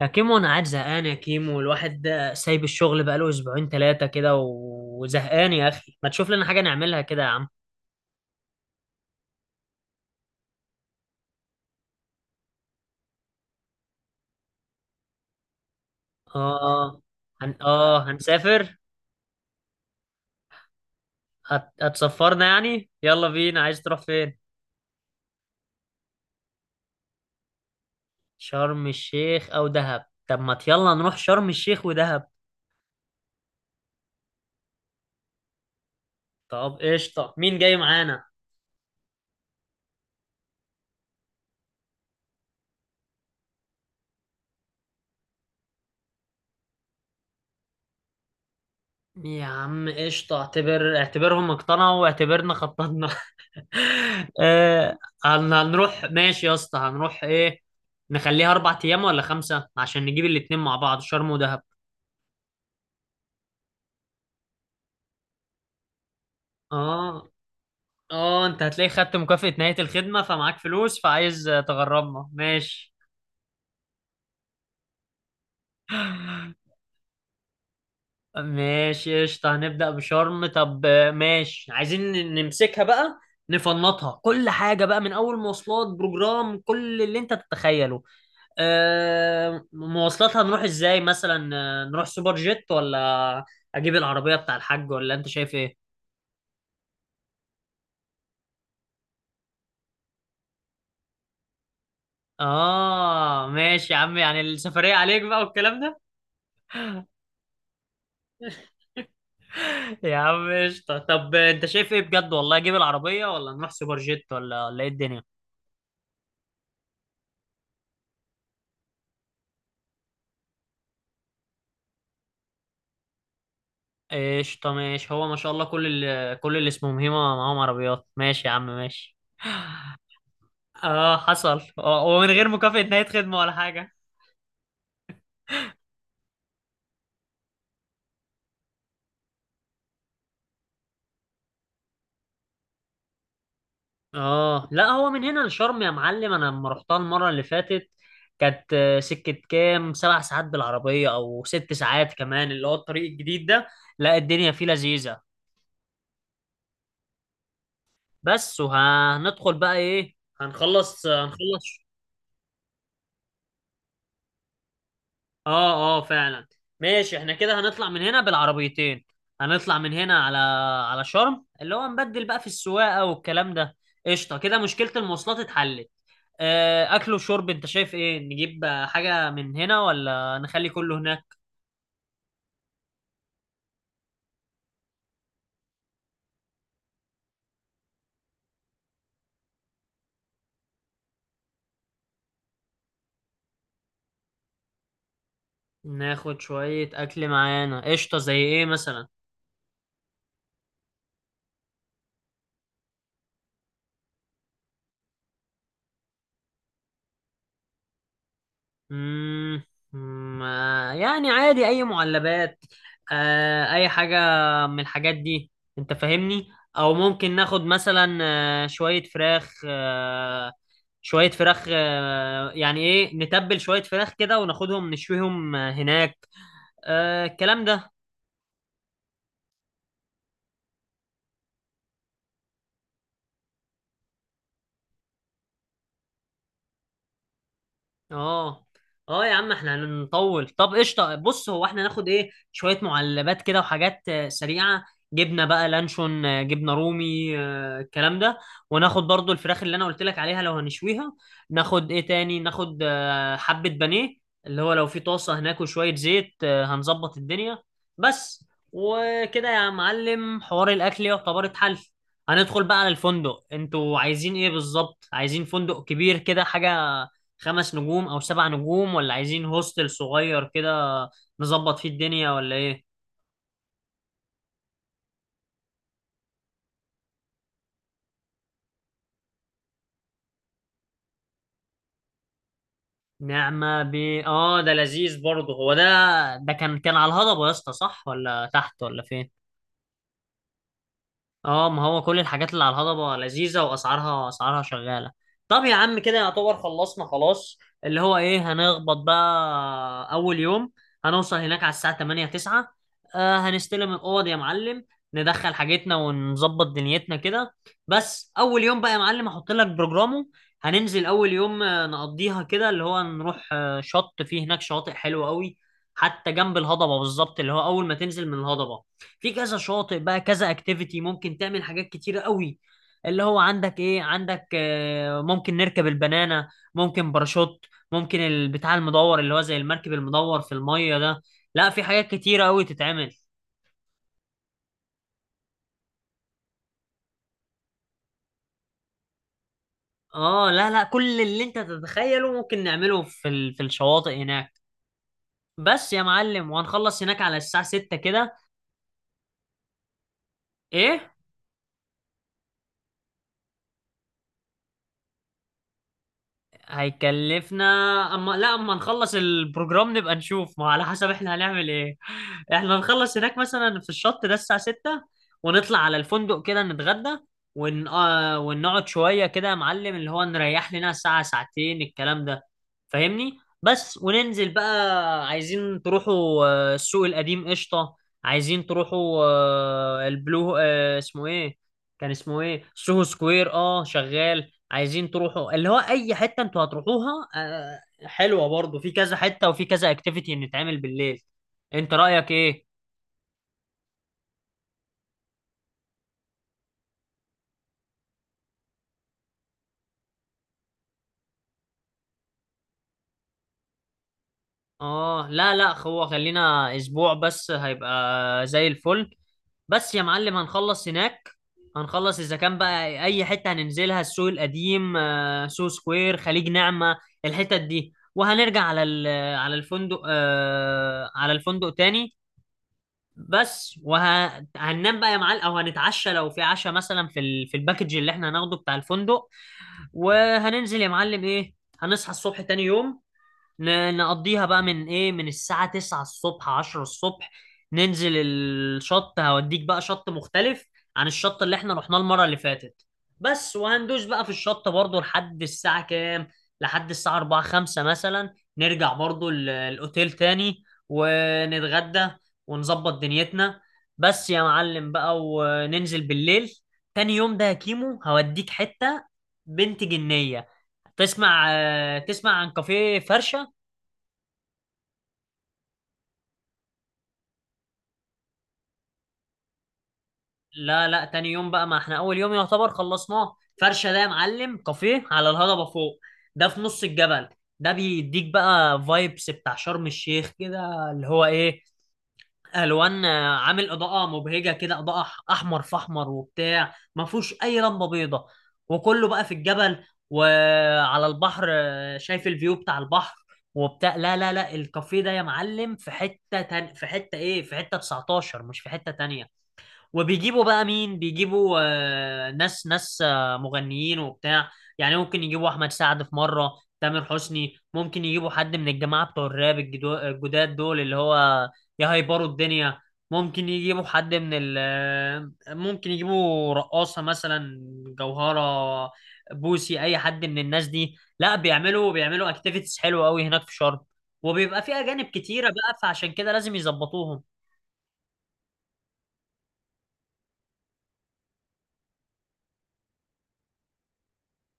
يا كيمو، انا قاعد زهقان يا كيمو، الواحد ده سايب الشغل بقاله اسبوعين ثلاثه كده وزهقان يا اخي، ما تشوف لنا حاجه نعملها كده يا عم؟ اه. هنسافر. هتسفرنا يعني. يلا بينا، عايز تروح فين؟ شرم الشيخ او دهب. طب ما يلا نروح شرم الشيخ ودهب. طب قشطه، مين جاي معانا؟ يا عم قشطه، اعتبرهم اقتنعوا واعتبرنا خططنا. آه. هنروح. ماشي يا اسطى، هنروح ايه؟ نخليها 4 ايام ولا خمسه، عشان نجيب الاتنين مع بعض، شرم ودهب. اه، اه، انت هتلاقي خدت مكافأة نهاية الخدمة فمعاك فلوس فعايز تغرمنا. ماشي. ماشي قشطة. هنبدأ بشرم. طب ماشي. عايزين نمسكها بقى. نفنطها كل حاجة بقى، من أول مواصلات بروجرام، كل اللي أنت تتخيله. مواصلات، هنروح ازاي مثلا؟ نروح سوبر جيت ولا؟ اجيب العربية بتاع الحاج، ولا انت شايف ايه؟ اه ماشي يا عم، يعني السفرية عليك بقى والكلام ده. يا عم قشطة. طب انت شايف ايه بجد والله؟ اجيب العربية ولا نروح سوبر جيت ولا ايه الدنيا؟ قشطة ماشي. هو ما شاء الله كل اللي اسمهم هيما معاهم عربيات. ماشي يا عم، ماشي. اه حصل. ومن غير مكافأة نهاية خدمة ولا حاجة. اه لا، هو من هنا لشرم يا معلم، انا لما رحتها المره اللي فاتت كانت سكه كام، 7 ساعات بالعربيه او 6 ساعات، كمان اللي هو الطريق الجديد ده. لا، الدنيا فيه لذيذه. بس، وهندخل بقى ايه؟ هنخلص هنخلص. اه، اه، فعلا. ماشي احنا كده هنطلع من هنا بالعربيتين. هنطلع من هنا على شرم، اللي هو نبدل بقى في السواقه والكلام ده. قشطه، كده مشكله المواصلات اتحلت. اكل وشرب، انت شايف ايه؟ نجيب حاجة من هنا ولا نخلي كله هناك؟ ناخد شوية اكل معانا قشطة. زي ايه مثلا؟ مم. يعني عادي اي معلبات. اي حاجة من الحاجات دي، انت فاهمني. او ممكن ناخد مثلا شوية فراخ، يعني ايه، نتبل شوية فراخ كده وناخدهم نشويهم هناك. الكلام ده. اه، اه، يا عم احنا هنطول. طب قشطه، بص هو احنا ناخد ايه؟ شويه معلبات كده وحاجات سريعه. جبنه بقى، لانشون، جبنه رومي، الكلام ده. وناخد برضو الفراخ اللي انا قلت لك عليها لو هنشويها. ناخد ايه تاني؟ ناخد حبه بانيه، اللي هو لو في طاسه هناك وشويه زيت هنظبط الدنيا. بس وكده يا معلم، حوار الاكل يعتبر اتحل. هندخل بقى على الفندق. انتوا عايزين ايه بالظبط؟ عايزين فندق كبير كده، حاجه 5 نجوم او 7 نجوم، ولا عايزين هوستل صغير كده نظبط فيه الدنيا، ولا ايه؟ نعمة ب، اه ده لذيذ برضه هو ده. ده كان على الهضبة يا اسطى، صح ولا تحت ولا فين؟ اه، ما هو كل الحاجات اللي على الهضبة لذيذة واسعارها شغالة. طب يا عم، كده يعتبر خلصنا خلاص. اللي هو ايه، هنخبط بقى اول يوم. هنوصل هناك على الساعة 8 9. هنستلم الاوض يا معلم. ندخل حاجتنا ونظبط دنيتنا كده. بس، اول يوم بقى يا معلم، هحط لك بروجرامه. هننزل اول يوم، نقضيها كده. اللي هو نروح شط، فيه هناك شواطئ حلوة قوي، حتى جنب الهضبة بالظبط، اللي هو اول ما تنزل من الهضبة في كذا شاطئ بقى، كذا اكتيفيتي ممكن تعمل حاجات كتيرة قوي. اللي هو، عندك ايه؟ عندك ممكن نركب البنانة، ممكن باراشوت، ممكن البتاع المدور اللي هو زي المركب المدور في المية ده. لا، في حاجات كتيرة قوي تتعمل. اه، لا، لا، كل اللي انت تتخيله ممكن نعمله في الشواطئ هناك. بس يا معلم، وهنخلص هناك على الساعة 6 كده. ايه هيكلفنا؟ اما لا، اما نخلص البروجرام نبقى نشوف، ما على حسب احنا هنعمل ايه. احنا نخلص هناك مثلا في الشط ده الساعة 6، ونطلع على الفندق كده نتغدى، ون... آه، ونقعد شوية كده يا معلم، اللي هو نريح لنا ساعة ساعتين الكلام ده. فاهمني. بس، وننزل بقى. عايزين تروحوا السوق القديم، قشطة. عايزين تروحوا البلو، اسمه ايه؟ كان اسمه ايه، سوهو سكوير، اه شغال. عايزين تروحوا اللي هو اي حته انتوا هتروحوها، حلوه برضو. في كذا حته وفي كذا اكتيفيتي نتعمل بالليل. انت رايك ايه؟ اه، لا، لا، هو خلينا اسبوع بس هيبقى زي الفل. بس يا معلم، هنخلص هناك. هنخلص اذا كان بقى اي حته هننزلها، السوق القديم، سو سكوير، خليج نعمه، الحتت دي. وهنرجع على ال- على الفندق آه، على الفندق تاني. بس، وهننام بقى يا معلم، او هنتعشى لو في عشاء مثلا في الباكج اللي احنا هناخده بتاع الفندق. وهننزل يا معلم ايه، هنصحى الصبح تاني يوم. نقضيها بقى من ايه، من الساعة 9 الصبح 10 الصبح ننزل الشط. هوديك بقى شط مختلف عن الشط اللي احنا رحناه المرة اللي فاتت. بس وهندوس بقى في الشط برضو لحد الساعة كام، لحد الساعة 4 5 مثلا. نرجع برضو الاوتيل تاني ونتغدى ونظبط دنيتنا. بس يا معلم بقى، وننزل بالليل. تاني يوم ده يا كيمو، هوديك حتة بنت جنية. تسمع تسمع عن كافيه فرشة؟ لا، لا، تاني يوم بقى، ما احنا اول يوم يعتبر خلصناه. فرشه ده يا معلم، كافيه على الهضبه فوق. ده في نص الجبل. ده بيديك بقى فايبس بتاع شرم الشيخ كده، اللي هو ايه، الوان، عامل اضاءه مبهجه كده، اضاءه احمر في احمر وبتاع، ما فيهوش اي لمبه بيضه. وكله بقى في الجبل وعلى البحر. شايف الفيو بتاع البحر وبتاع. لا، لا، لا، الكافيه ده يا معلم في حته 19، مش في حته تانية. وبيجيبوا بقى، مين بيجيبوا؟ ناس، ناس، مغنيين وبتاع. يعني ممكن يجيبوا احمد سعد في مره، تامر حسني، ممكن يجيبوا حد من الجماعه بتوع الراب الجداد دول، اللي هو يهيبروا الدنيا. ممكن يجيبوا رقاصه مثلا، جوهره، بوسي، اي حد من الناس دي. لا، بيعملوا اكتيفيتيز حلوه قوي هناك في شرم. وبيبقى في اجانب كتيره بقى، فعشان كده لازم يظبطوهم.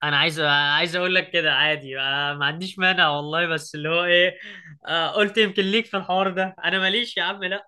انا عايز اقول لك كده عادي، ما عنديش مانع والله، بس اللي هو ايه، قلت يمكن ليك في الحوار ده انا ماليش يا عم، لا.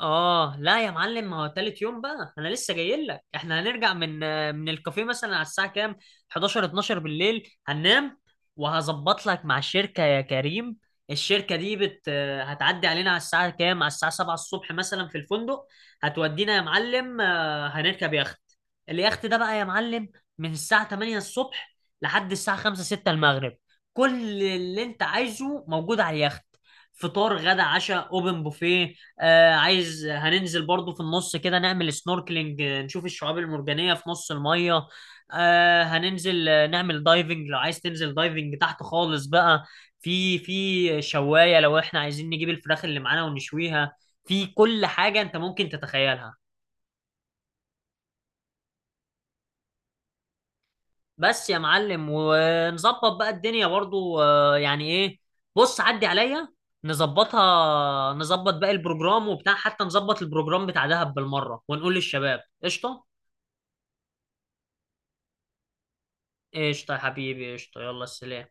اه، لا يا معلم، ما هو تالت يوم بقى انا لسه جاي لك. احنا هنرجع من الكافيه مثلا على الساعه كام، 11 12 بالليل، هننام. وهظبط لك مع الشركه يا كريم. الشركه دي بت، هتعدي علينا على الساعه كام، على الساعه 7 الصبح مثلا في الفندق. هتودينا يا معلم، هنركب يخت. اليخت ده بقى يا معلم، من الساعه 8 الصبح لحد الساعه 5 6 المغرب. كل اللي انت عايزه موجود على اليخت، فطار غدا عشاء اوبن بوفيه. عايز هننزل برضو في النص كده، نعمل سنوركلينج، نشوف الشعاب المرجانية في نص المية. هننزل نعمل دايفنج، لو عايز تنزل دايفنج تحت خالص بقى، في شواية لو احنا عايزين نجيب الفراخ اللي معانا ونشويها. في كل حاجة انت ممكن تتخيلها. بس يا معلم، ونظبط بقى الدنيا برضو، يعني ايه، بص عدي عليا. نظبط باقي البروجرام وبتاع، حتى نظبط البروجرام بتاع دهب بالمرة، ونقول للشباب قشطة. قشطة يا حبيبي، قشطة، يلا سلام.